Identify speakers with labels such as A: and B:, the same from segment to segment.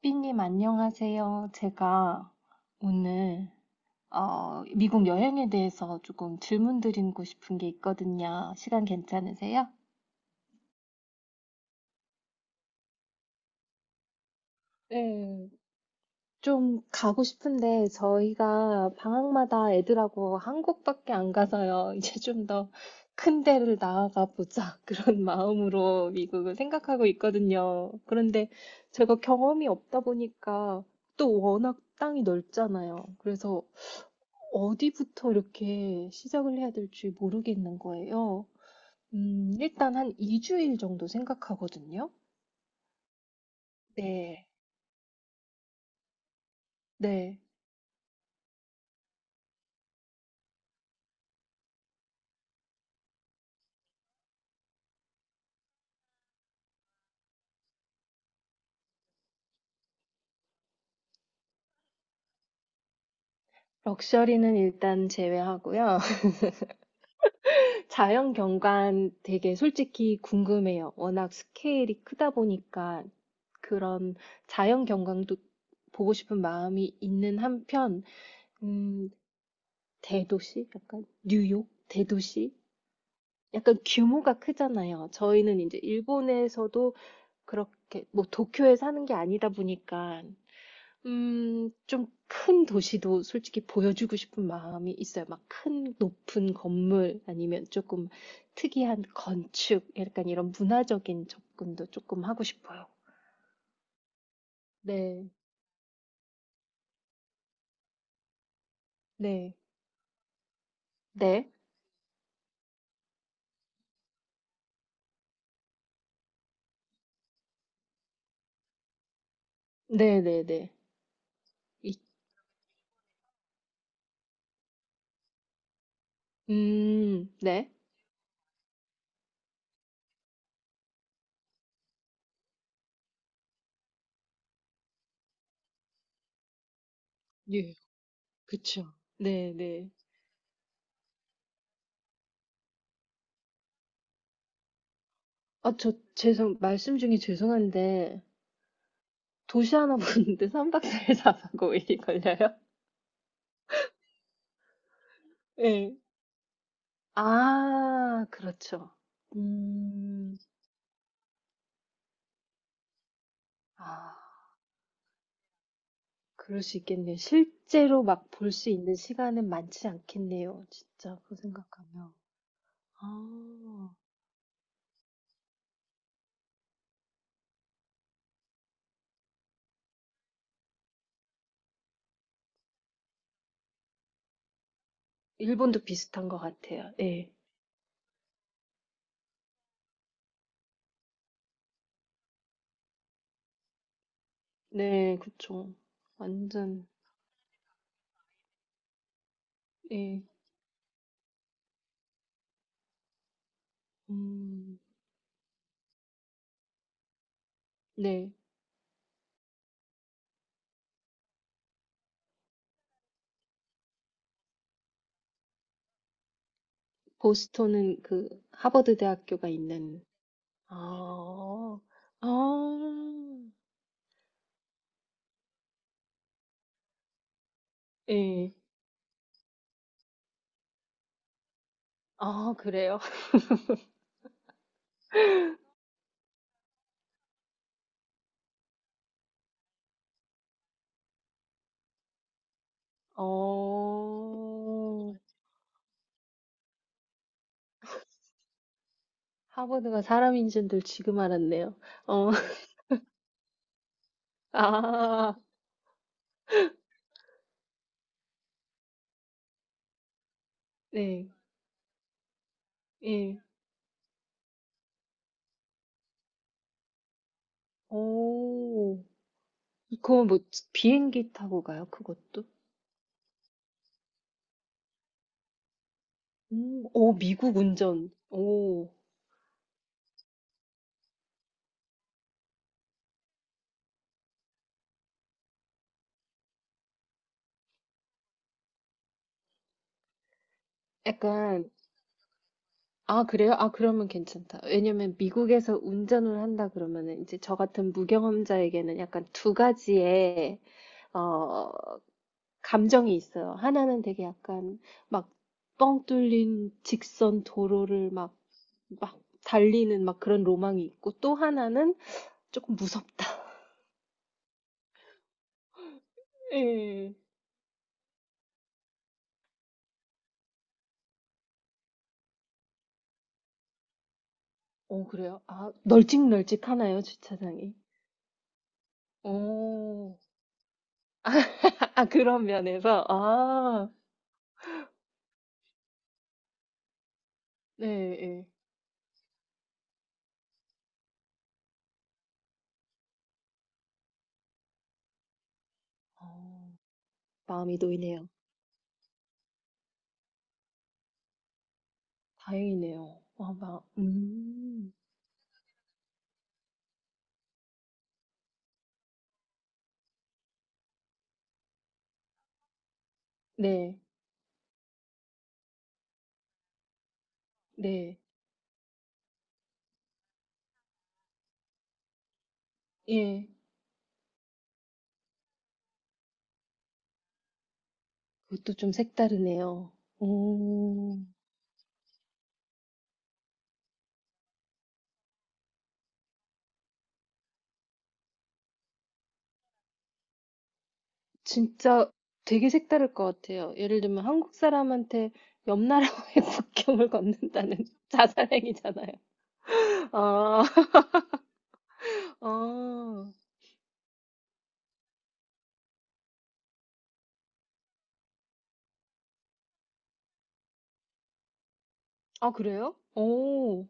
A: 삐님 안녕하세요. 제가 오늘 미국 여행에 대해서 조금 질문 드리고 싶은 게 있거든요. 시간 괜찮으세요? 네, 좀 가고 싶은데 저희가 방학마다 애들하고 한국밖에 안 가서요. 이제 좀 더 큰 데를 나아가 보자 그런 마음으로 미국을 생각하고 있거든요. 그런데 제가 경험이 없다 보니까 또 워낙 땅이 넓잖아요. 그래서 어디부터 이렇게 시작을 해야 될지 모르겠는 거예요. 일단 한 2주일 정도 생각하거든요. 네. 네. 럭셔리는 일단 제외하고요. 자연 경관 되게 솔직히 궁금해요. 워낙 스케일이 크다 보니까 그런 자연 경관도 보고 싶은 마음이 있는 한편, 음, 대도시? 약간 뉴욕? 대도시? 약간 규모가 크잖아요. 저희는 이제 일본에서도 그렇게 뭐 도쿄에 사는 게 아니다 보니까 좀 큰 도시도 솔직히 보여주고 싶은 마음이 있어요. 막 큰 높은 건물 아니면 조금 특이한 건축, 약간 이런 문화적인 접근도 조금 하고 싶어요. 네, 네, 네, 네, 네, 네. 이- 네, 예, 그쵸. 네, 네. 아, 저 죄송, 말씀 중에 죄송한데 도시 하나 보는데 3박 4일 4박 5일이 걸려요? 네. 아, 그렇죠. 음. 아, 그럴 수 있겠네요. 실제로 막 볼 수 있는 시간은 많지 않겠네요. 진짜 그 생각하면. 아. 일본도 비슷한 것 같아요. 예. 네, 그쵸. 완전 예. 음. 네. 보스턴은 그 하버드 대학교가 있는 아. 아. 예. 아, 그래요? 어. 하버드가 사람인 줄도 지금 알았네요. 어, 아, 네, 예. 오, 그건 뭐 비행기 타고 가요? 그것도? 오, 미국 운전. 오, 약간, 아, 그래요? 아, 그러면 괜찮다. 왜냐면 미국에서 운전을 한다 그러면은 이제 저 같은 무경험자에게는 약간 두 가지의 어, 감정이 있어요. 하나는 되게 약간 막 뻥 뚫린 직선 도로를 막, 막 달리는 막 그런 로망이 있고 또 하나는 조금 무섭다. 예. 어, 그래요? 아, 널찍널찍하나요, 주차장이? 오. 아, 아, 그런 면에서, 아, 네, 예. 어, 마음이 놓이네요. 다행이네요. 아, 막, 네, 네, 예. 그것도 좀 색다르네요. 오. 진짜 되게 색다를 것 같아요. 예를 들면 한국 사람한테 옆 나라와의 국경을 건넌다는 자살행위잖아요. 아, 아, 아, 그래요? 오,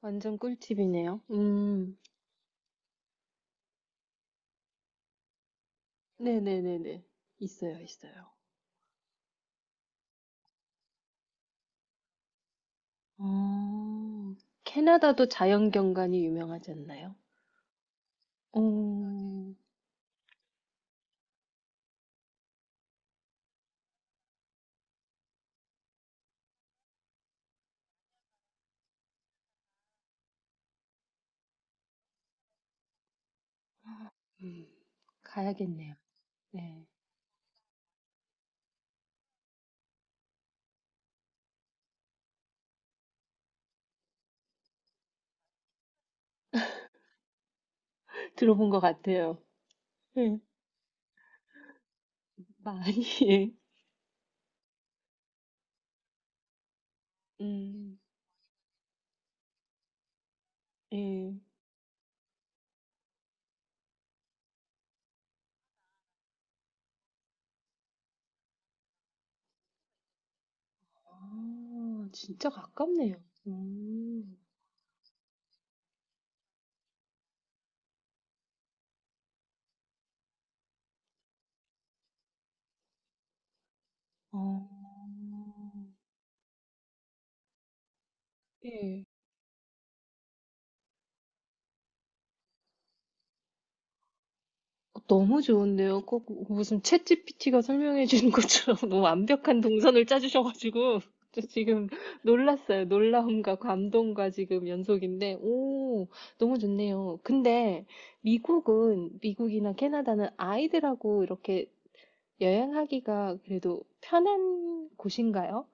A: 완전 꿀팁이네요. 네네네네. 있어요, 있어요. 어, 캐나다도 자연경관이 유명하지 않나요? 오, 음, 가야겠네요. 네. 들어본 것 같아요. 네. 많이, 음, 예. 아, 진짜 가깝네요. 음, 어, 예. 너무 좋은데요. 꼭 무슨 챗GPT가 설명해 주는 것처럼 너무 완벽한 동선을 짜주셔가지고 저 지금 놀랐어요. 놀라움과 감동과 지금 연속인데, 오, 너무 좋네요. 근데 미국은, 미국이나 캐나다는 아이들하고 이렇게 여행하기가 그래도 편한 곳인가요?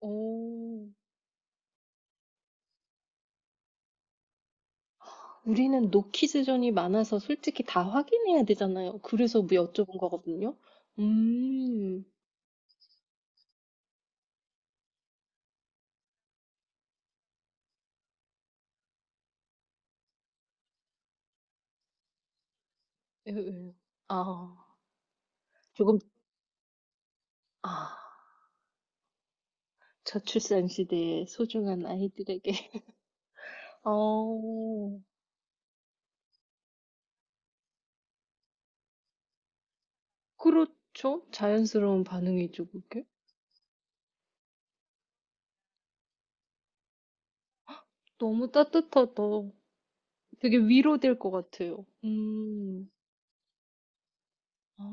A: 오, 우리는 노키즈존이 많아서 솔직히 다 확인해야 되잖아요. 그래서 뭐 여쭤본 거거든요. 음, 에, 에. 아, 조금, 아, 저출산 시대의 소중한 아이들에게. 어, 그렇죠. 자연스러운 반응이죠, 그게. 너무 따뜻하다. 되게 위로될 것 같아요. 아,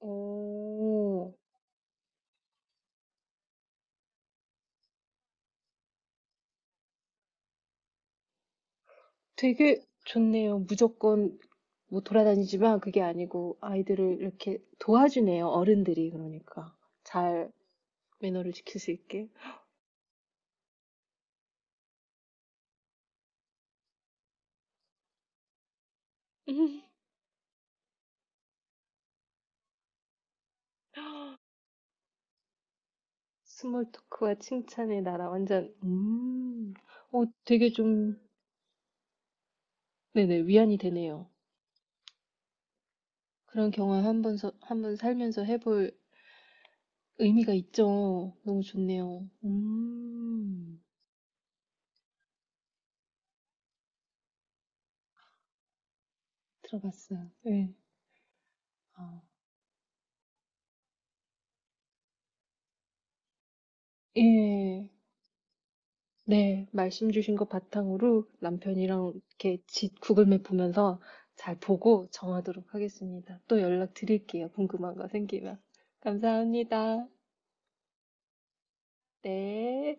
A: 오. 되게 좋네요. 무조건 뭐 돌아다니지만 그게 아니고 아이들을 이렇게 도와주네요. 어른들이 그러니까 잘 매너를 지킬 수 있게. 음, 스몰 토크와 칭찬의 나라 완전 어, 되게 좀 네네 위안이 되네요. 그런 경험 한번 한번 살면서 해볼 의미가 있죠. 너무 좋네요. 음. 들어봤어요. 네. 아. 예. 네. 말씀 주신 것 바탕으로 남편이랑 이렇게 지 구글맵 보면서 잘 보고 정하도록 하겠습니다. 또 연락드릴게요, 궁금한 거 생기면. 감사합니다. 네.